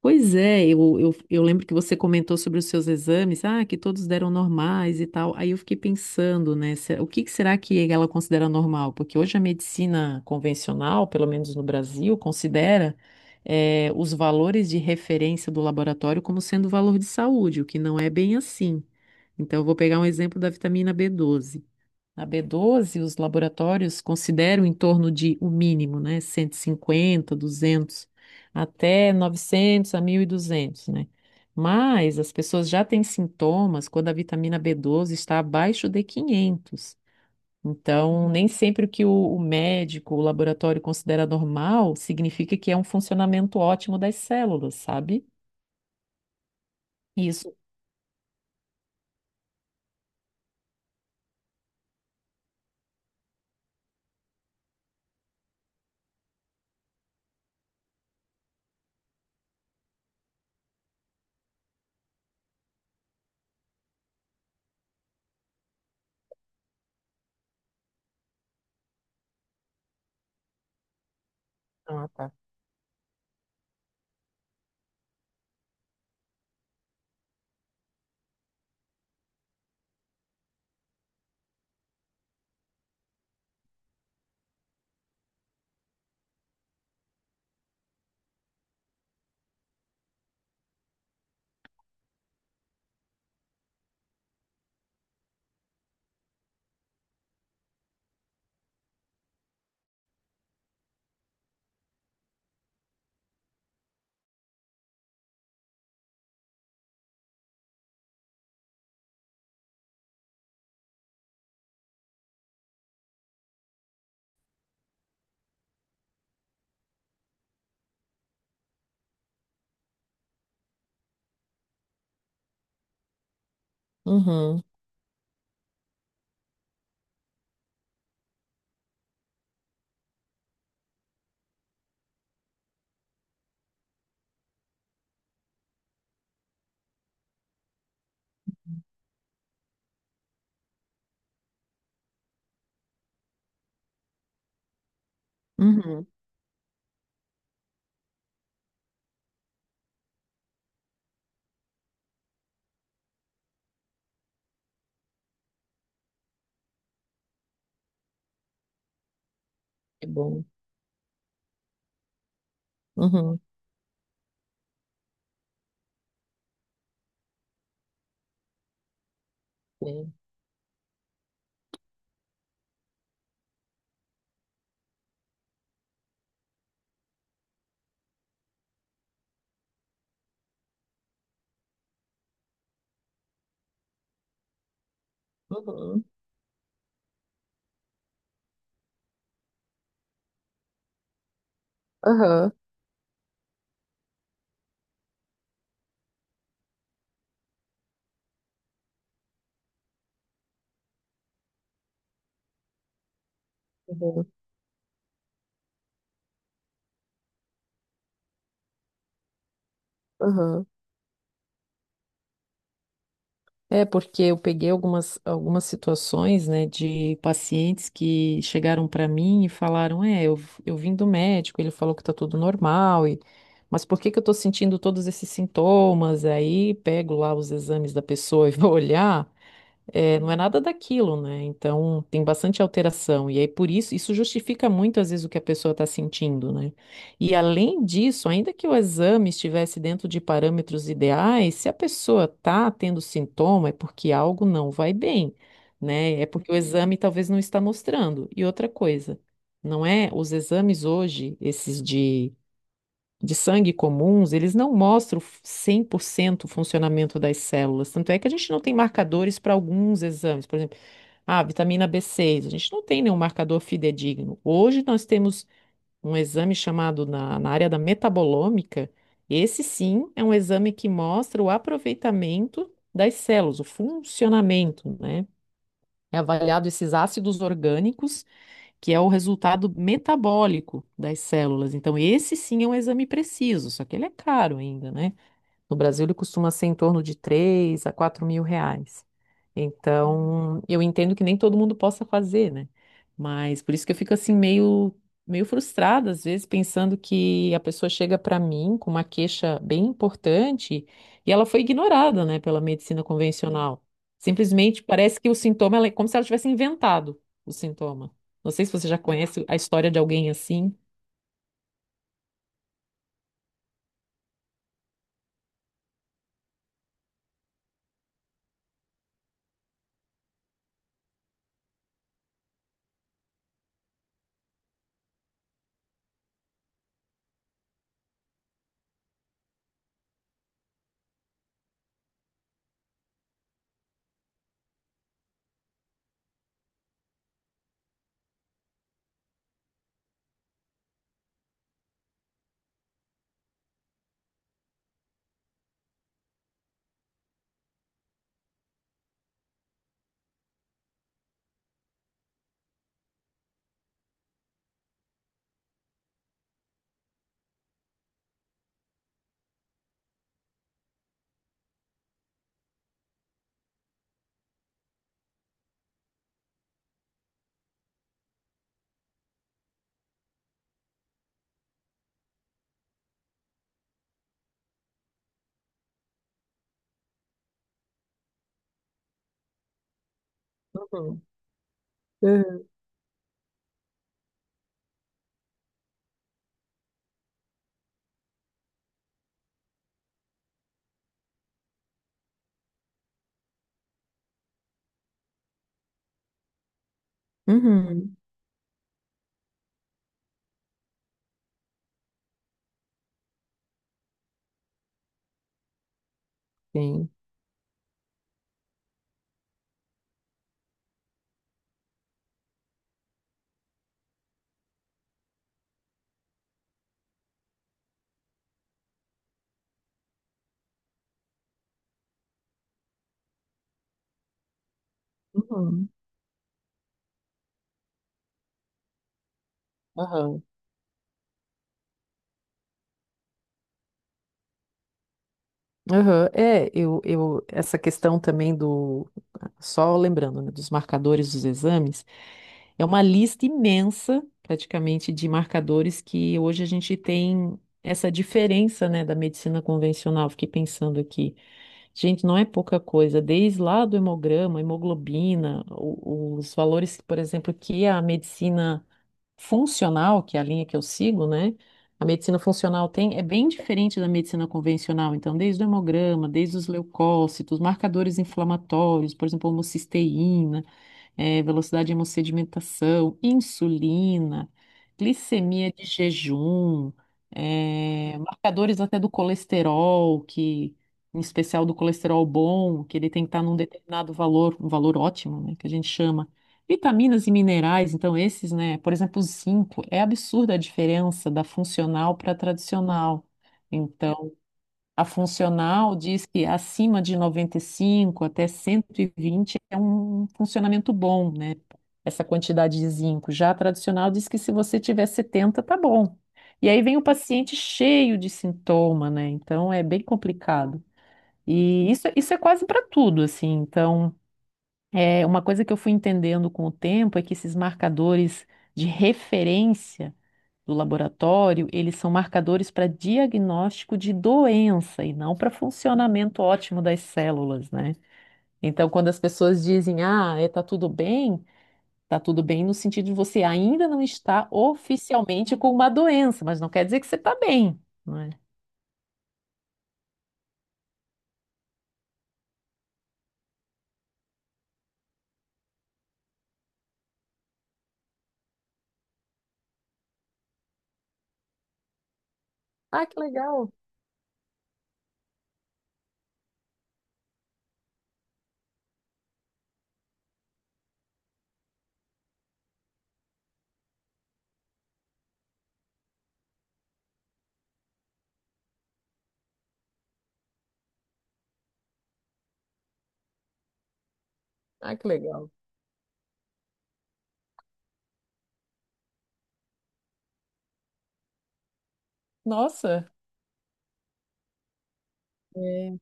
Pois é, eu lembro que você comentou sobre os seus exames, que todos deram normais e tal. Aí eu fiquei pensando, né, o que que será que ela considera normal? Porque hoje a medicina convencional, pelo menos no Brasil, considera, os valores de referência do laboratório como sendo valor de saúde, o que não é bem assim. Então, eu vou pegar um exemplo da vitamina B12 os laboratórios consideram em torno de o mínimo, né? 150, 200, até 900 a 1.200, né? Mas as pessoas já têm sintomas quando a vitamina B12 está abaixo de 500. Então, nem sempre o que o médico, o laboratório considera normal, significa que é um funcionamento ótimo das células, sabe? Isso. Ah, tá. Uhum, uhum. É bom. Uhum. Sim. Uhum. Aham. Uhum. Aham. É porque eu peguei algumas situações, né, de pacientes que chegaram para mim e falaram, é, eu vim do médico, ele falou que tá tudo normal, e, mas por que que eu tô sentindo todos esses sintomas? Aí pego lá os exames da pessoa e vou olhar, é, não é nada daquilo, né? Então tem bastante alteração. E aí, por isso, isso justifica muito às vezes o que a pessoa está sentindo, né? E além disso, ainda que o exame estivesse dentro de parâmetros ideais, se a pessoa está tendo sintoma, é porque algo não vai bem, né? É porque o exame talvez não está mostrando. E outra coisa, não é? Os exames hoje, esses de sangue comuns, eles não mostram 100% o funcionamento das células. Tanto é que a gente não tem marcadores para alguns exames. Por exemplo, a vitamina B6 a gente não tem nenhum marcador fidedigno. Hoje nós temos um exame chamado na área da metabolômica. Esse sim é um exame que mostra o aproveitamento das células, o funcionamento, né? É avaliado esses ácidos orgânicos que é o resultado metabólico das células. Então, esse sim é um exame preciso, só que ele é caro ainda, né? No Brasil, ele costuma ser em torno de 3 a 4 mil reais. Então, eu entendo que nem todo mundo possa fazer, né? Mas por isso que eu fico assim meio frustrada, às vezes, pensando que a pessoa chega para mim com uma queixa bem importante e ela foi ignorada, né, pela medicina convencional. Simplesmente parece que o sintoma, ela é como se ela tivesse inventado o sintoma. Não sei se você já conhece a história de alguém assim. Uhum. Uhum. Uhum. Sim. Uhum. Aham. Aham, é, essa questão também do, só lembrando, né, dos marcadores dos exames, é uma lista imensa, praticamente, de marcadores que hoje a gente tem essa diferença, né, da medicina convencional. Fiquei pensando aqui, gente, não é pouca coisa, desde lá do hemograma, hemoglobina, os valores, por exemplo, que a medicina funcional, que é a linha que eu sigo, né? A medicina funcional tem, é bem diferente da medicina convencional, então, desde o hemograma, desde os leucócitos, marcadores inflamatórios, por exemplo, homocisteína, velocidade de hemossedimentação, insulina, glicemia de jejum, marcadores até do colesterol, que em especial do colesterol bom, que ele tem que estar num determinado valor, um valor ótimo, né, que a gente chama. Vitaminas e minerais, então esses, né, por exemplo, o zinco, é absurda a diferença da funcional para a tradicional. Então, a funcional diz que acima de 95 até 120 é um funcionamento bom, né? Essa quantidade de zinco. Já a tradicional diz que se você tiver 70, tá bom. E aí vem o paciente cheio de sintoma, né? Então é bem complicado. E isso é quase para tudo, assim. Então. É, uma coisa que eu fui entendendo com o tempo é que esses marcadores de referência do laboratório, eles são marcadores para diagnóstico de doença e não para funcionamento ótimo das células, né? Então, quando as pessoas dizem, ah, é, tá tudo bem no sentido de você ainda não está oficialmente com uma doença, mas não quer dizer que você está bem, não é? Ah, que legal. Ah, que legal. Nossa, É,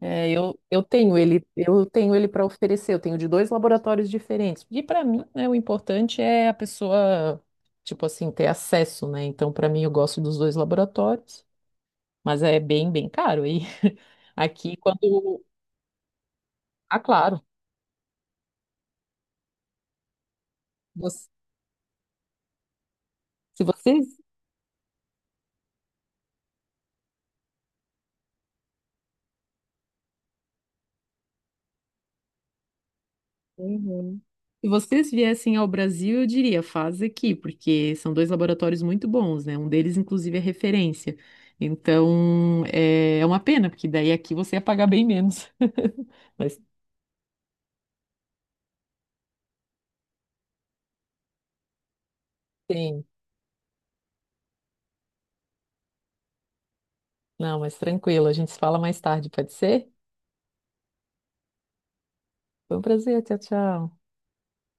É, eu tenho ele para oferecer, eu tenho de dois laboratórios diferentes. E para mim, né, o importante é a pessoa, tipo assim, ter acesso, né? Então, para mim, eu gosto dos dois laboratórios, mas é bem, bem caro. E aqui, quando. Ah, claro, você- se você. Uhum. Se vocês viessem ao Brasil, eu diria, faz aqui, porque são dois laboratórios muito bons, né? Um deles, inclusive, é referência. Então, é uma pena, porque daí aqui você ia pagar bem menos. Mas tem. Não, mas tranquilo, a gente se fala mais tarde, pode ser? Foi um prazer, tchau, tchau.